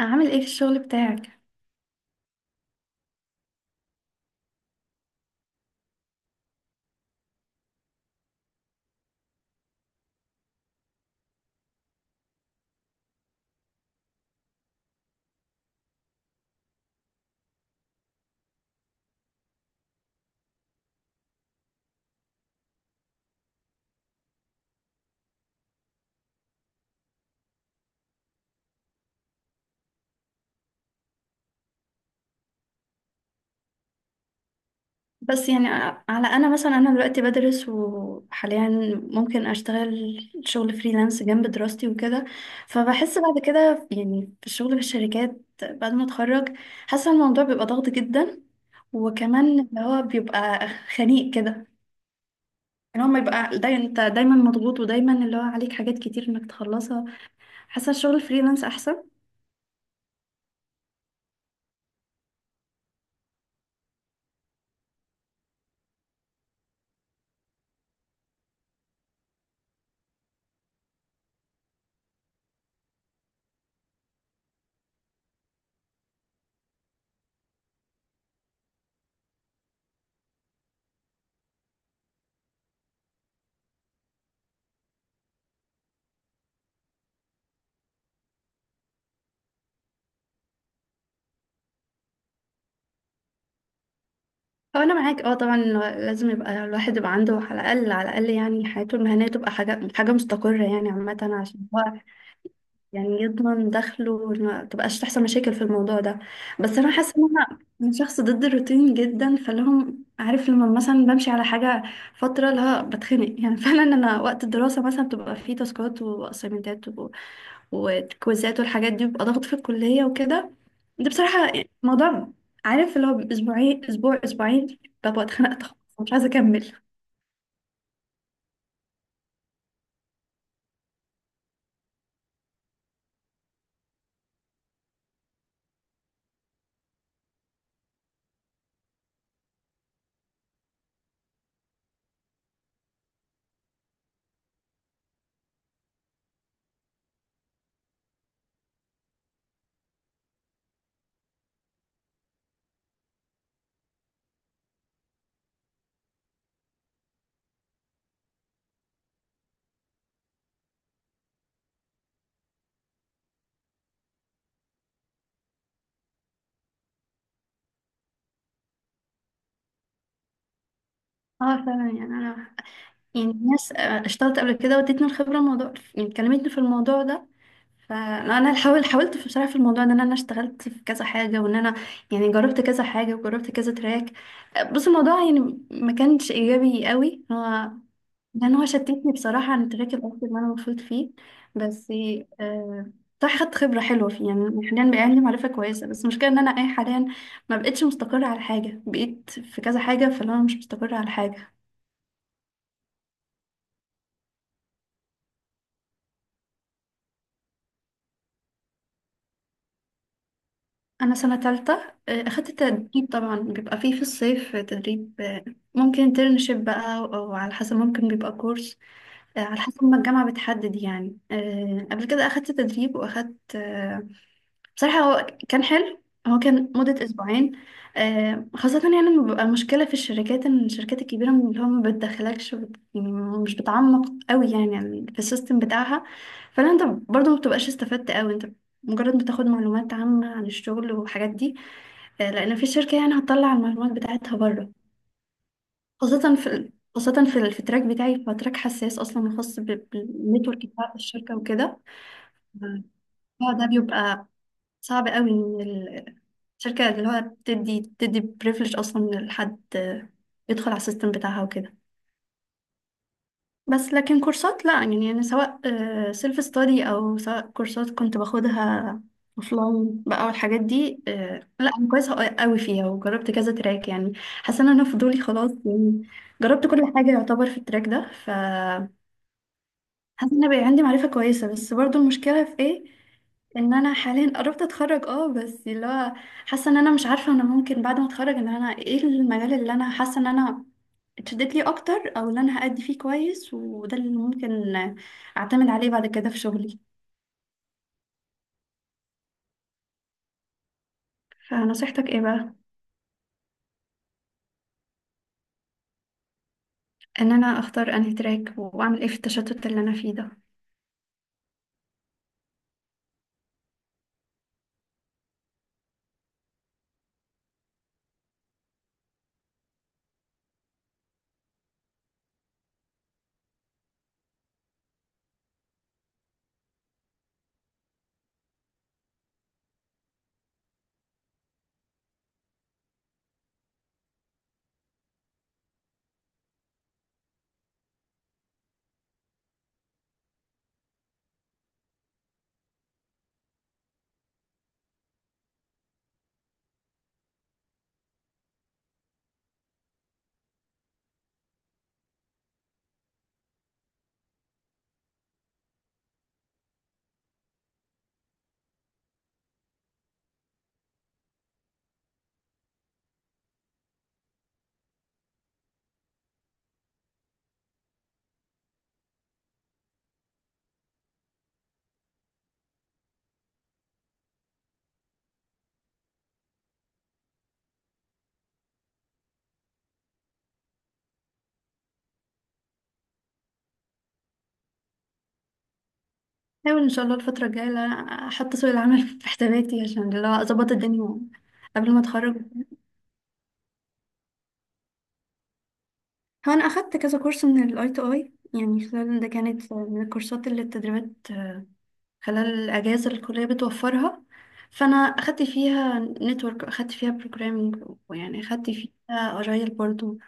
عامل ايه في الشغل بتاعك؟ بس يعني على انا مثلا انا دلوقتي بدرس وحاليا ممكن اشتغل شغل فريلانس جنب دراستي وكده. فبحس بعد كده يعني في الشغل في الشركات بعد ما اتخرج حاسه الموضوع بيبقى ضغط جدا، وكمان اللي هو بيبقى خنيق كده. يعني هو ما يبقى دايما انت دايما مضغوط ودايما اللي هو عليك حاجات كتير انك تخلصها. حاسه الشغل الفريلانس احسن. هو انا معاك اه طبعا، لازم يبقى الواحد يبقى عنده على الاقل يعني حياته المهنيه تبقى حاجه مستقره، يعني عامه عشان هو يعني يضمن دخله وما تبقاش تحصل مشاكل في الموضوع ده. بس انا حاسه ان انا من شخص ضد الروتين جدا، فلهم عارف لما مثلا بمشي على حاجه فتره لا بتخنق يعني فعلا انا وقت الدراسه مثلا بتبقى فيه تاسكات واسايمنتات والكويزات والحاجات دي بيبقى ضغط في الكلية وكده. ده بصراحة موضوع عارف اللي هو أسبوعين ببقى اتخنقت خلاص، مش عايزة أكمل. اه فعلا يعني انا يعني ناس اشتغلت قبل كده وادتني الخبره، الموضوع يعني كلمتني في الموضوع ده. فانا حاولت بصراحه في الموضوع ده ان انا اشتغلت في كذا حاجه، وان انا يعني جربت كذا حاجه وجربت كذا تراك. بص الموضوع يعني ما كانش ايجابي قوي هو، لان هو شتتني بصراحه عن التراك الاصلي اللي انا المفروض فيه. بس آه صح خدت خبره حلوه فيه. يعني أنا حاليا بقى عندي معرفه كويسه، بس المشكله ان انا اي حاليا ما بقتش مستقره على حاجه، بقيت في كذا حاجه فانا مش مستقره على حاجه. انا سنه تالتة. اخدت تدريب طبعا، بيبقى فيه في الصيف تدريب. ممكن انترنشيب بقى او على حسب، ممكن بيبقى كورس. على حسب ما الجامعه بتحدد يعني. قبل كده اخدت تدريب واخدت. بصراحة هو كان حلو، هو كان مدة أسبوعين. خاصة يعني لما بيبقى المشكلة في الشركات إن الشركات الكبيرة من اللي هو ما بتدخلكش يعني مش بتعمق قوي يعني في السيستم بتاعها. فلا أنت برضه ما بتبقاش استفدت قوي أنت، مجرد بتاخد معلومات عامة عن الشغل والحاجات دي. لأن في شركة يعني هتطلع المعلومات بتاعتها بره. في التراك بتاعي هو تراك حساس أصلا، خاص بالنتورك بتاع الشركة وكده. آه، فده بيبقى صعب قوي ان الشركة اللي هو بتدي بريفليج اصلا لحد يدخل على السيستم بتاعها وكده. بس لكن كورسات لا، يعني انا سواء سيلف ستادي او سواء كورسات كنت باخدها اوفلاين بقى والحاجات دي، لا انا كويسة قوي فيها وجربت كذا تراك يعني. حاسة ان انا فضولي خلاص يعني، جربت كل حاجة يعتبر في التراك ده. ف حاسه ان أنا بقى عندي معرفه كويسه، بس برضو المشكله في ايه، ان انا حاليا قربت اتخرج بس اللي هو حاسه ان انا مش عارفه، انا ممكن بعد ما اتخرج ان انا ايه المجال اللي انا حاسه ان انا اتشدت ليه اكتر، او اللي انا هأدي فيه كويس وده اللي ممكن اعتمد عليه بعد كده في شغلي. فنصيحتك ايه بقى؟ ان انا اختار انهي تراك واعمل ايه في التشتت اللي انا فيه ده. احاول ان شاء الله الفتره الجايه إن أنا احط سوق العمل في حساباتي عشان اللي هو اظبط الدنيا قبل ما اتخرج. هو انا اخدت كذا كورس من الاي تو اي يعني. خلال ده كانت من الكورسات اللي التدريبات خلال الاجازه اللي الكليه بتوفرها. فانا اخدت فيها نتورك، اخدت فيها بروجرامينج، ويعني اخدت فيها اجايل برضو.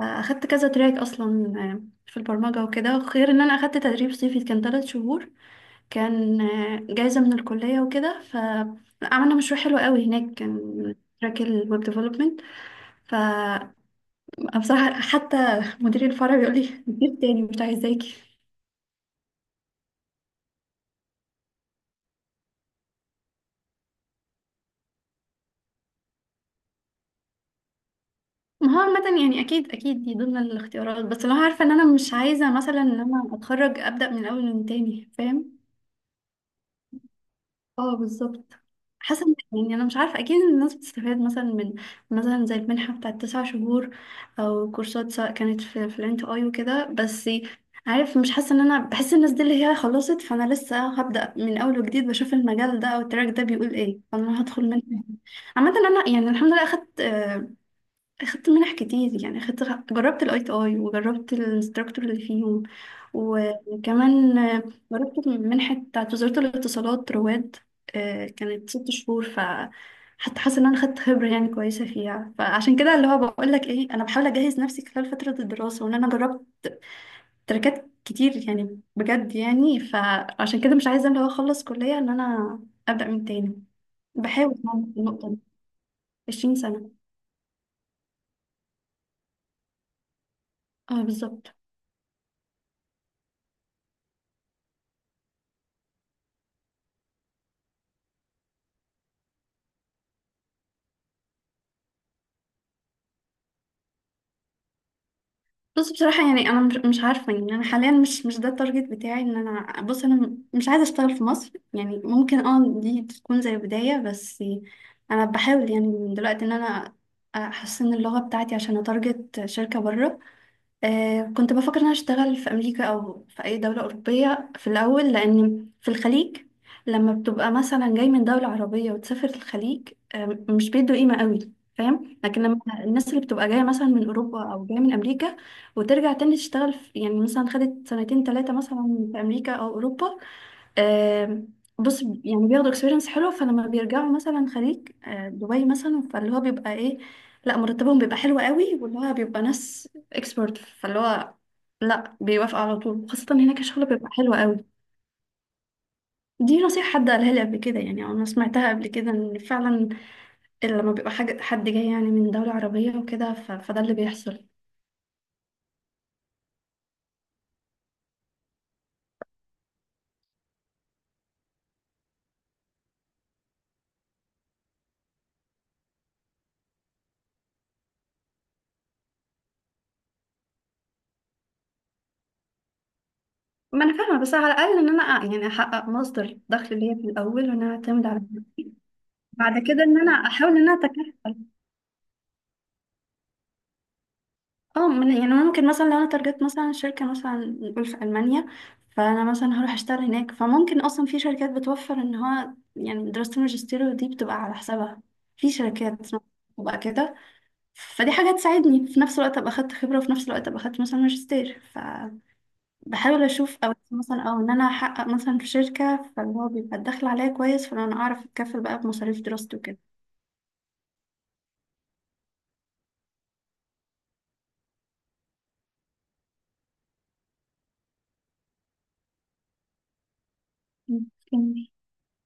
اخدت كذا تراك اصلا في البرمجه وكده، غير ان انا اخدت تدريب صيفي كان ثلاث شهور، كان جايزه من الكليه وكده، فعملنا مشروع حلو قوي هناك، كان تراك الويب ديفلوبمنت. انا بصراحه حتى مدير الفرع بيقول لي مدير تاني مش عايزاكي. ما هو عامة يعني أكيد أكيد دي ضمن الاختيارات، بس لو عارفة إن أنا مش عايزة مثلا إن أنا أتخرج أبدأ من أول من تاني، فاهم؟ اه بالظبط. حاسه يعني انا مش عارفه اكيد إن الناس بتستفاد مثلا من، مثلا زي المنحه بتاعت تسع شهور، او كورسات سواء كانت في الانت اي وكده. بس عارف مش حاسه ان انا، بحس الناس دي اللي هي خلصت فانا لسه هبدا من اول وجديد، بشوف المجال ده او التراك ده بيقول ايه فانا هدخل منه. عامه انا يعني الحمد لله اخدت منح كتير يعني. اخدت جربت الاي تي اي وجربت الانستراكتور اللي فيهم، وكمان جربت المنحة بتاعت وزارة الاتصالات رواد. كانت ست شهور. ف حتى حاسة ان انا خدت خبرة يعني كويسة فيها، فعشان كده اللي هو بقول لك ايه، انا بحاول اجهز نفسي خلال فترة الدراسة وان انا جربت تركات كتير يعني بجد يعني. فعشان كده مش عايزة اللي هو اخلص كلية ان انا ابدأ من تاني. بحاول يعني في النقطة دي. 20 سنة. اه بالظبط. بص بصراحة يعني أنا مش عارفة، يعني أنا حاليا مش ده التارجت بتاعي، إن أنا بص أنا مش عايزة أشتغل في مصر، يعني ممكن دي تكون زي بداية بس. أنا بحاول يعني من دلوقتي إن أنا أحسن اللغة بتاعتي عشان أتارجت شركة بره. كنت بفكر ان انا اشتغل في امريكا او في اي دوله اوروبيه في الاول، لان في الخليج لما بتبقى مثلا جاي من دوله عربيه وتسافر الخليج، مش بيدوا قيمه قوي، فاهم؟ لكن لما الناس اللي بتبقى جايه مثلا من اوروبا او جايه من امريكا وترجع تاني تشتغل في، يعني مثلا خدت سنتين ثلاثه مثلا في امريكا او اوروبا، آم، بص يعني بياخدوا اكسبيرينس حلو، فلما بيرجعوا مثلا خليج دبي مثلا، فاللي هو بيبقى ايه، لا مرتبهم بيبقى حلو قوي، واللي هو بيبقى ناس اكسبرت فاللي هو لا بيوافق على طول، خاصة هناك الشغل بيبقى حلو قوي. دي نصيحة حد قالها لي قبل كده يعني، أو أنا سمعتها قبل كده، إن فعلا لما بيبقى حاجة حد جاي يعني من دولة عربية وكده، فده اللي بيحصل. ما أنا فاهمة، بس على الأقل إن أنا يعني أحقق مصدر دخل ليا في الأول، وإن أنا أعتمد على، بعد كده إن أنا أحاول إن أنا أتكفل. اه يعني ممكن مثلا لو انا تارجت مثلا شركة، مثلا نقول في ألمانيا، فانا مثلا هروح اشتغل هناك، فممكن اصلا في شركات بتوفر ان هو يعني دراسة الماجستير دي بتبقى على حسابها، في شركات بتبقى كده. فدي حاجة تساعدني، في نفس الوقت ابقى اخدت خبرة وفي نفس الوقت ابقى اخدت مثلا ماجستير، فبحاول اشوف. او مثلا او ان انا احقق مثلا في شركة فاللي هو بيبقى الدخل عليا كويس، فانا اعرف اتكفل بقى بمصاريف دراستي وكده. ممكن.